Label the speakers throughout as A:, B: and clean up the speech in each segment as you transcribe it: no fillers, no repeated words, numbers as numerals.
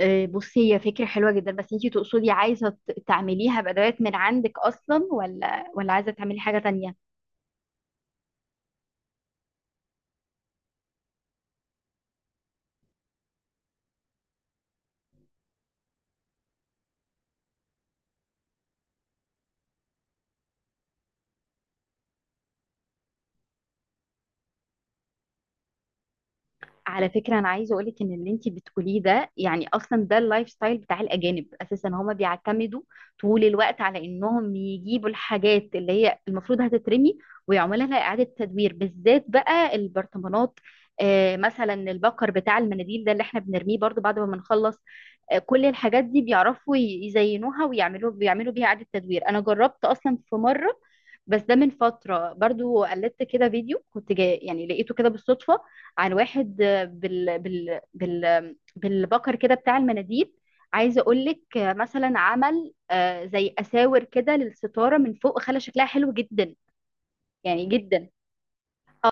A: بصي، هي فكرة حلوة جدا. بس انتي تقصدي عايزة تعمليها بأدوات من عندك أصلا، ولا عايزة تعملي حاجة تانية؟ على فكرة أنا عايزة أقولك إن اللي أنتي بتقوليه ده، يعني أصلا ده اللايف ستايل بتاع الأجانب أساسا. هما بيعتمدوا طول الوقت على إنهم يجيبوا الحاجات اللي هي المفروض هتترمي ويعملوا لها إعادة تدوير، بالذات بقى البرطمانات. آه، مثلا البكر بتاع المناديل ده اللي إحنا بنرميه برضو بعد ما بنخلص. آه، كل الحاجات دي بيعرفوا يزينوها ويعملوا بيها إعادة تدوير. أنا جربت أصلا في مرة، بس ده من فترة. برضو قلدت كده فيديو كنت جاي، يعني لقيته كده بالصدفة، عن واحد بالبكر كده بتاع المناديل. عايزه اقول لك مثلا عمل، زي اساور كده للستاره من فوق، خلى شكلها حلو جدا، يعني جدا. اه.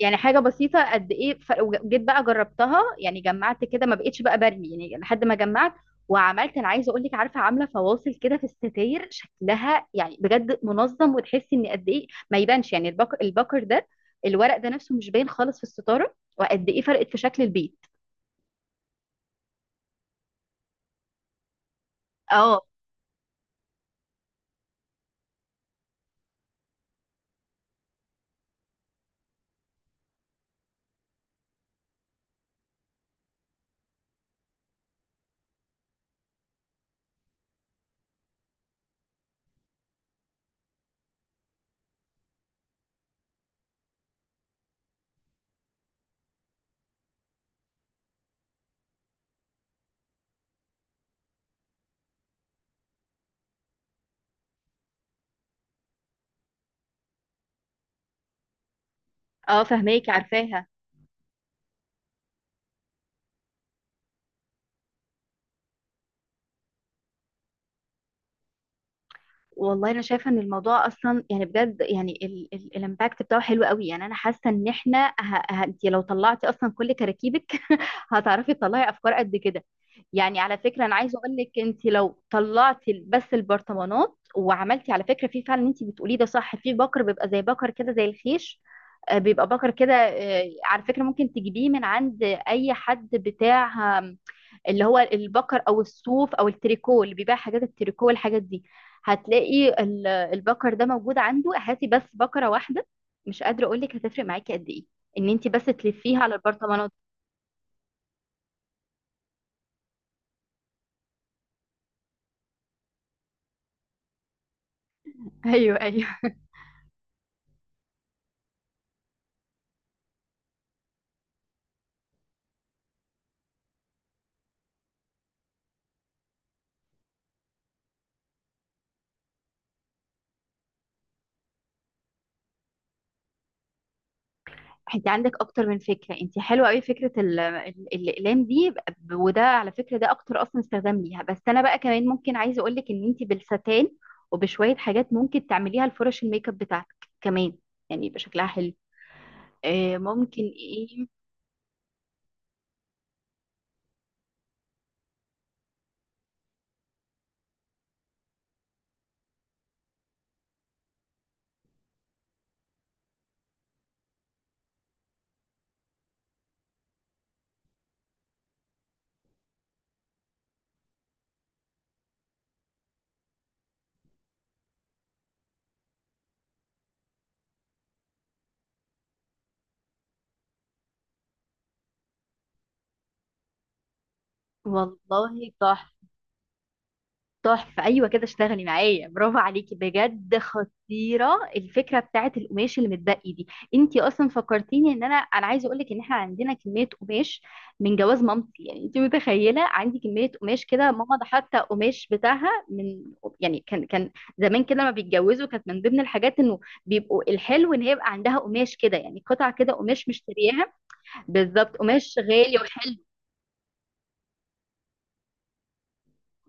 A: يعني حاجة بسيطة قد ايه، وجيت بقى جربتها. يعني جمعت كده، ما بقتش بقى برمي، يعني لحد ما جمعت وعملت. انا عايزة اقول لك عارفة، عاملة فواصل كده في الستاير، شكلها يعني بجد منظم، وتحسي ان قد ايه ما يبانش. يعني البكر ده، الورق ده نفسه مش باين خالص في الستارة، وقد ايه فرقت في شكل البيت. اه. اه فهماكي، عارفاها. والله انا شايفه ان الموضوع اصلا، يعني بجد، يعني الامباكت بتاعه حلو قوي. يعني انا حاسه ان احنا، انت لو طلعتي اصلا كل كراكيبك هتعرفي تطلعي افكار قد كده. يعني على فكره انا عايزه اقول لك انت لو طلعتي بس البرطمانات وعملتي، على فكره في فعلا اللي انت بتقوليه ده صح، في بكر بيبقى زي بكر كده زي الخيش. بيبقى بكر كده. على فكره ممكن تجيبيه من عند اي حد بتاع اللي هو البكر او الصوف او التريكو، اللي بيبيع حاجات التريكو والحاجات دي. هتلاقي البكر ده موجود عنده. هاتي بس بكرة واحدة، مش قادرة اقول لك هتفرق معاكي قد ايه ان انت بس تلفيها على البرطمانات. ايوه، ايوه. انت عندك اكتر من فكره، انت حلوه قوي. فكره الاقلام دي، وده على فكره ده اكتر اصلا استخدام ليها. بس انا بقى كمان ممكن، عايزه اقول لك ان انت بالستان وبشويه حاجات ممكن تعمليها لفرش الميك اب بتاعتك كمان، يعني يبقى شكلها حلو. ممكن ايه. والله، تحفة. تحفة أيوة كده، اشتغلي معايا. برافو عليكي، بجد خطيرة الفكرة بتاعت القماش اللي متبقي دي. انتي أصلا فكرتيني ان أنا عايزة أقولك ان احنا عندنا كمية قماش من جواز مامتي. يعني انتي متخيلة عندي كمية قماش كده، ماما ده حتى قماش بتاعها من، يعني كان زمان كده لما بيتجوزوا كانت من ضمن الحاجات انه بيبقوا، الحلو ان هي يبقى عندها قماش كده، يعني قطع كده قماش مشترياها بالظبط، قماش غالي وحلو.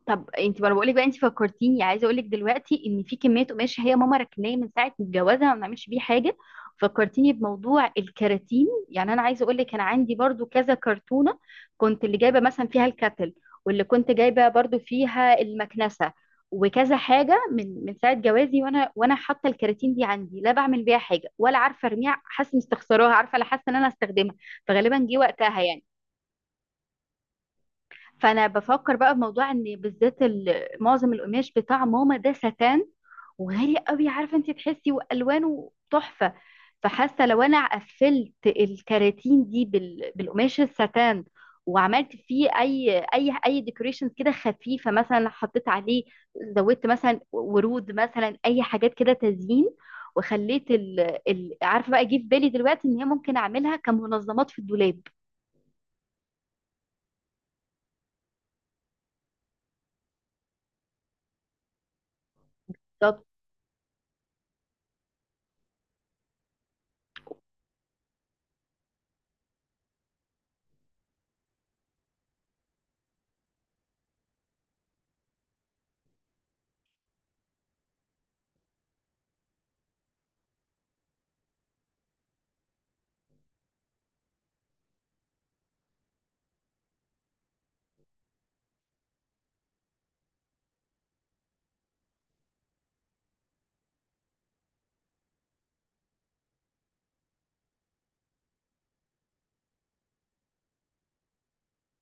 A: طب انت، ما انا بقول لك بقى، انت فكرتيني. عايزه اقول لك دلوقتي ان في كميه قماش هي ماما ركناه من ساعه جوازها، ما بنعملش بيه حاجه. فكرتيني بموضوع الكراتين. يعني انا عايزه اقول لك انا عندي برضو كذا كرتونه، كنت اللي جايبه مثلا فيها الكاتل، واللي كنت جايبه برضو فيها المكنسه، وكذا حاجه من ساعه جوازي، وانا حاطه الكراتين دي عندي، لا بعمل بيها حاجه ولا عارفه ارميها. حاسه اني استخسراها، عارفه، لا حاسه ان انا استخدمها، فغالبا جه وقتها يعني. فانا بفكر بقى بموضوع ان بالذات معظم القماش بتاع ماما ده ستان، وغالي قوي، عارفه انت تحسي، والوانه تحفه. فحاسه لو انا قفلت الكراتين دي بالقماش الستان، وعملت فيه اي ديكوريشن كده خفيفه، مثلا حطيت عليه، زودت مثلا ورود، مثلا اي حاجات كده تزيين، وخليت عارفه بقى، جه في بالي دلوقتي ان هي ممكن اعملها كمنظمات في الدولاب.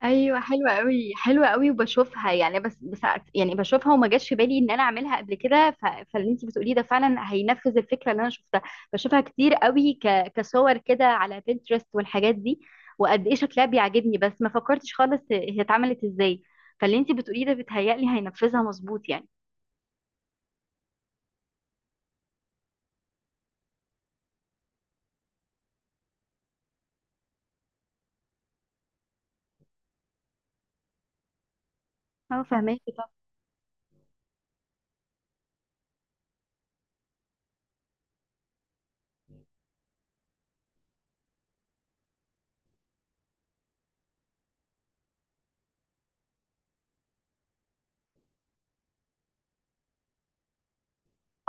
A: ايوه، حلوه قوي، حلوه قوي. وبشوفها يعني، بس يعني بشوفها، وما جاش في بالي ان انا اعملها قبل كده. فاللي انت بتقوليه ده فعلا هينفذ الفكره اللي انا شفتها. بشوفها كتير قوي، كصور كده على بنترست والحاجات دي، وقد ايه شكلها بيعجبني، بس ما فكرتش خالص هي اتعملت ازاي. فاللي انت بتقوليه ده بيتهيألي هينفذها مظبوط يعني. اه فهماكي طبعا.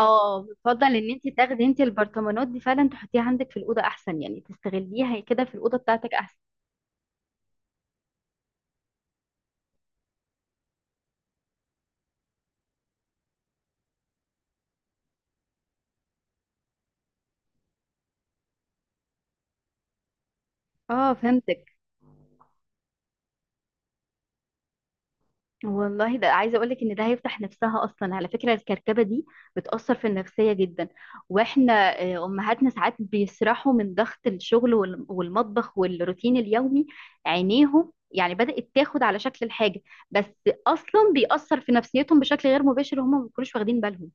A: اه، بفضل ان انت تاخدي انت البرطمانات دي فعلا تحطيها عندك في الاوضه احسن، يعني تستغليها كده في الاوضه بتاعتك احسن. اه فهمتك. والله ده، عايزه اقول لك ان ده هيفتح نفسها اصلا. على فكره الكركبه دي بتاثر في النفسيه جدا، واحنا امهاتنا ساعات بيسرحوا من ضغط الشغل والمطبخ والروتين اليومي، عينيهم يعني بدات تاخد على شكل الحاجه، بس اصلا بيأثر في نفسيتهم بشكل غير مباشر وهم ما بيكونوش واخدين بالهم.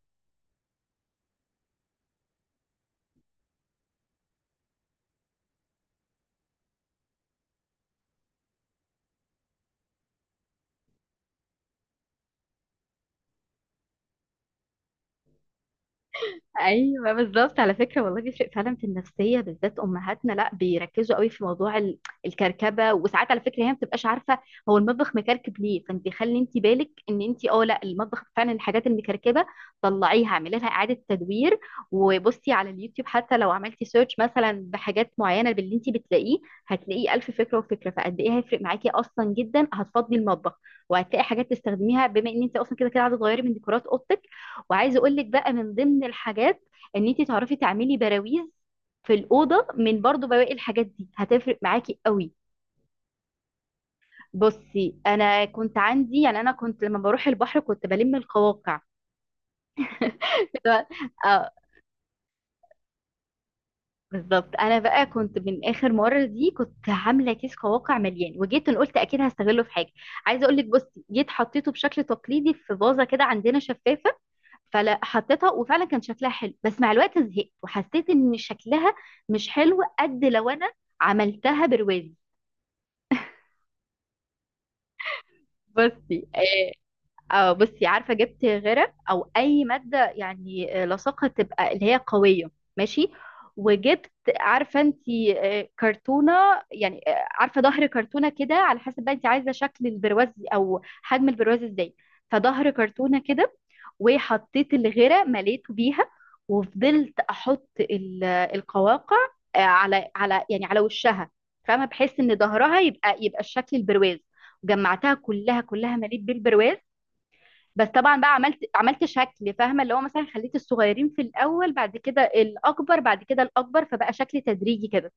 A: ايوه بالظبط، على فكره والله بيفرق فعلا في النفسيه، بالذات امهاتنا لا بيركزوا قوي في موضوع الكركبه. وساعات على فكره هي ما بتبقاش عارفه هو المطبخ مكركب ليه. فانت خلي انت بالك ان انت، اه لا، المطبخ فعلا الحاجات المكركبه طلعيها، اعملي لها اعاده تدوير. وبصي على اليوتيوب، حتى لو عملتي سيرش مثلا بحاجات معينه، باللي انت بتلاقيه، هتلاقيه الف فكره وفكره. فقد ايه هيفرق معاكي اصلا جدا، هتفضي المطبخ، وهتلاقي حاجات تستخدميها، بما ان انت اصلا كده عايزه تغيري من ديكورات اوضتك. وعايزه اقول لك بقى من ضمن الحاجات ان انت تعرفي تعملي براويز في الاوضه من برضو بواقي الحاجات دي، هتفرق معاكي قوي. بصي انا كنت عندي، يعني انا كنت لما بروح البحر كنت بلم القواقع. اه، بالظبط. انا بقى كنت من اخر مره دي كنت عامله كيس قواقع مليان، وجيت أنا قلت اكيد هستغله في حاجه. عايزه اقول لك بصي جيت حطيته بشكل تقليدي في فازه كده عندنا شفاف، فلا حطيتها وفعلا كان شكلها حلو، بس مع الوقت زهقت وحسيت ان شكلها مش حلو قد لو انا عملتها برواز. بصي اه، بصي عارفه، جبت غرق او اي ماده، يعني لاصقه، تبقى اللي هي قويه، ماشي. وجبت، عارفه انت، كرتونه، يعني عارفه ظهر كرتونه كده، على حسب بقى انت عايزه شكل البرواز او حجم البرواز ازاي. فظهر كرتونه كده، وحطيت الغرة مليته بيها، وفضلت احط القواقع، على يعني على وشها، فاهمه، بحيث ان ظهرها يبقى الشكل البرواز. وجمعتها كلها كلها، مليت بالبرواز. بس طبعا بقى عملت شكل، فاهمه، اللي هو مثلا خليت الصغيرين في الاول، بعد كده الاكبر، بعد كده الاكبر، فبقى شكل تدريجي كده.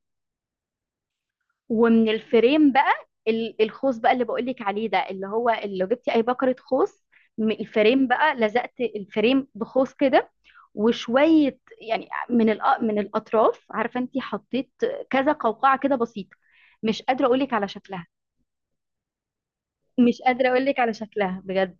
A: ومن الفريم بقى، الخوص بقى اللي بقولك عليه ده، اللي هو اللي لو جبتي اي بكرة خوص، الفريم بقى لزقت الفريم بخوص كده. وشوية يعني من من الأطراف، عارفة انتي حطيت كذا قوقعة كده بسيطة. مش قادرة أقولك على شكلها. مش قادرة أقولك على شكلها بجد.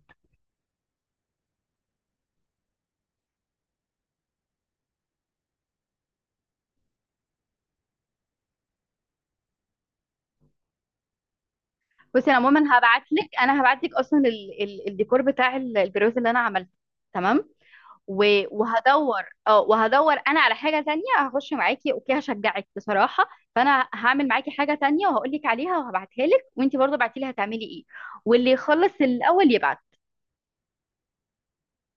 A: بصي أنا عموما هبعتلك، هبعتلك أصلا الديكور بتاع البرواز اللي أنا عملته. تمام. و- وهدور، اه وهدور انا على حاجه تانية، هخش معاكي اوكي، هشجعك بصراحه. فانا هعمل معاكي حاجه تانية وهقول لك عليها وهبعتها لك، وانت برضه ابعتي لي هتعملي ايه، واللي يخلص الاول يبعت.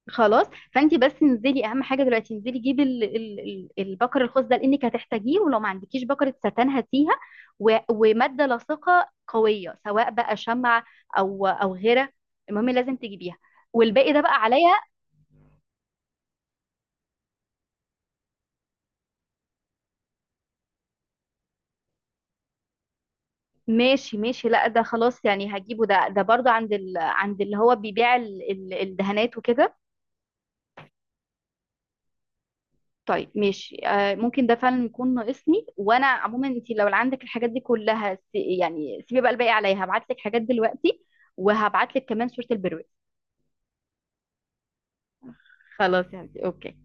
A: خلاص. فانت بس انزلي، اهم حاجه دلوقتي انزلي جيبي البكر الخاص ده، لانك هتحتاجيه. ولو ما عندكيش بكره ستان هاتيها، وماده لاصقه قويه، سواء بقى شمع او غيره، المهم لازم تجيبيها، والباقي ده بقى عليا. ماشي ماشي، لا ده خلاص يعني هجيبه. ده برضه عند عند اللي هو بيبيع الدهانات وكده. طيب ماشي، آه ممكن ده فعلا يكون ناقصني. وانا عموما انت لو عندك الحاجات دي كلها، يعني سيبي بقى الباقي عليا. هبعت لك حاجات دلوقتي وهبعت لك كمان صورة البروز. خلاص يعني اوكي،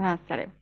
A: مع السلامة.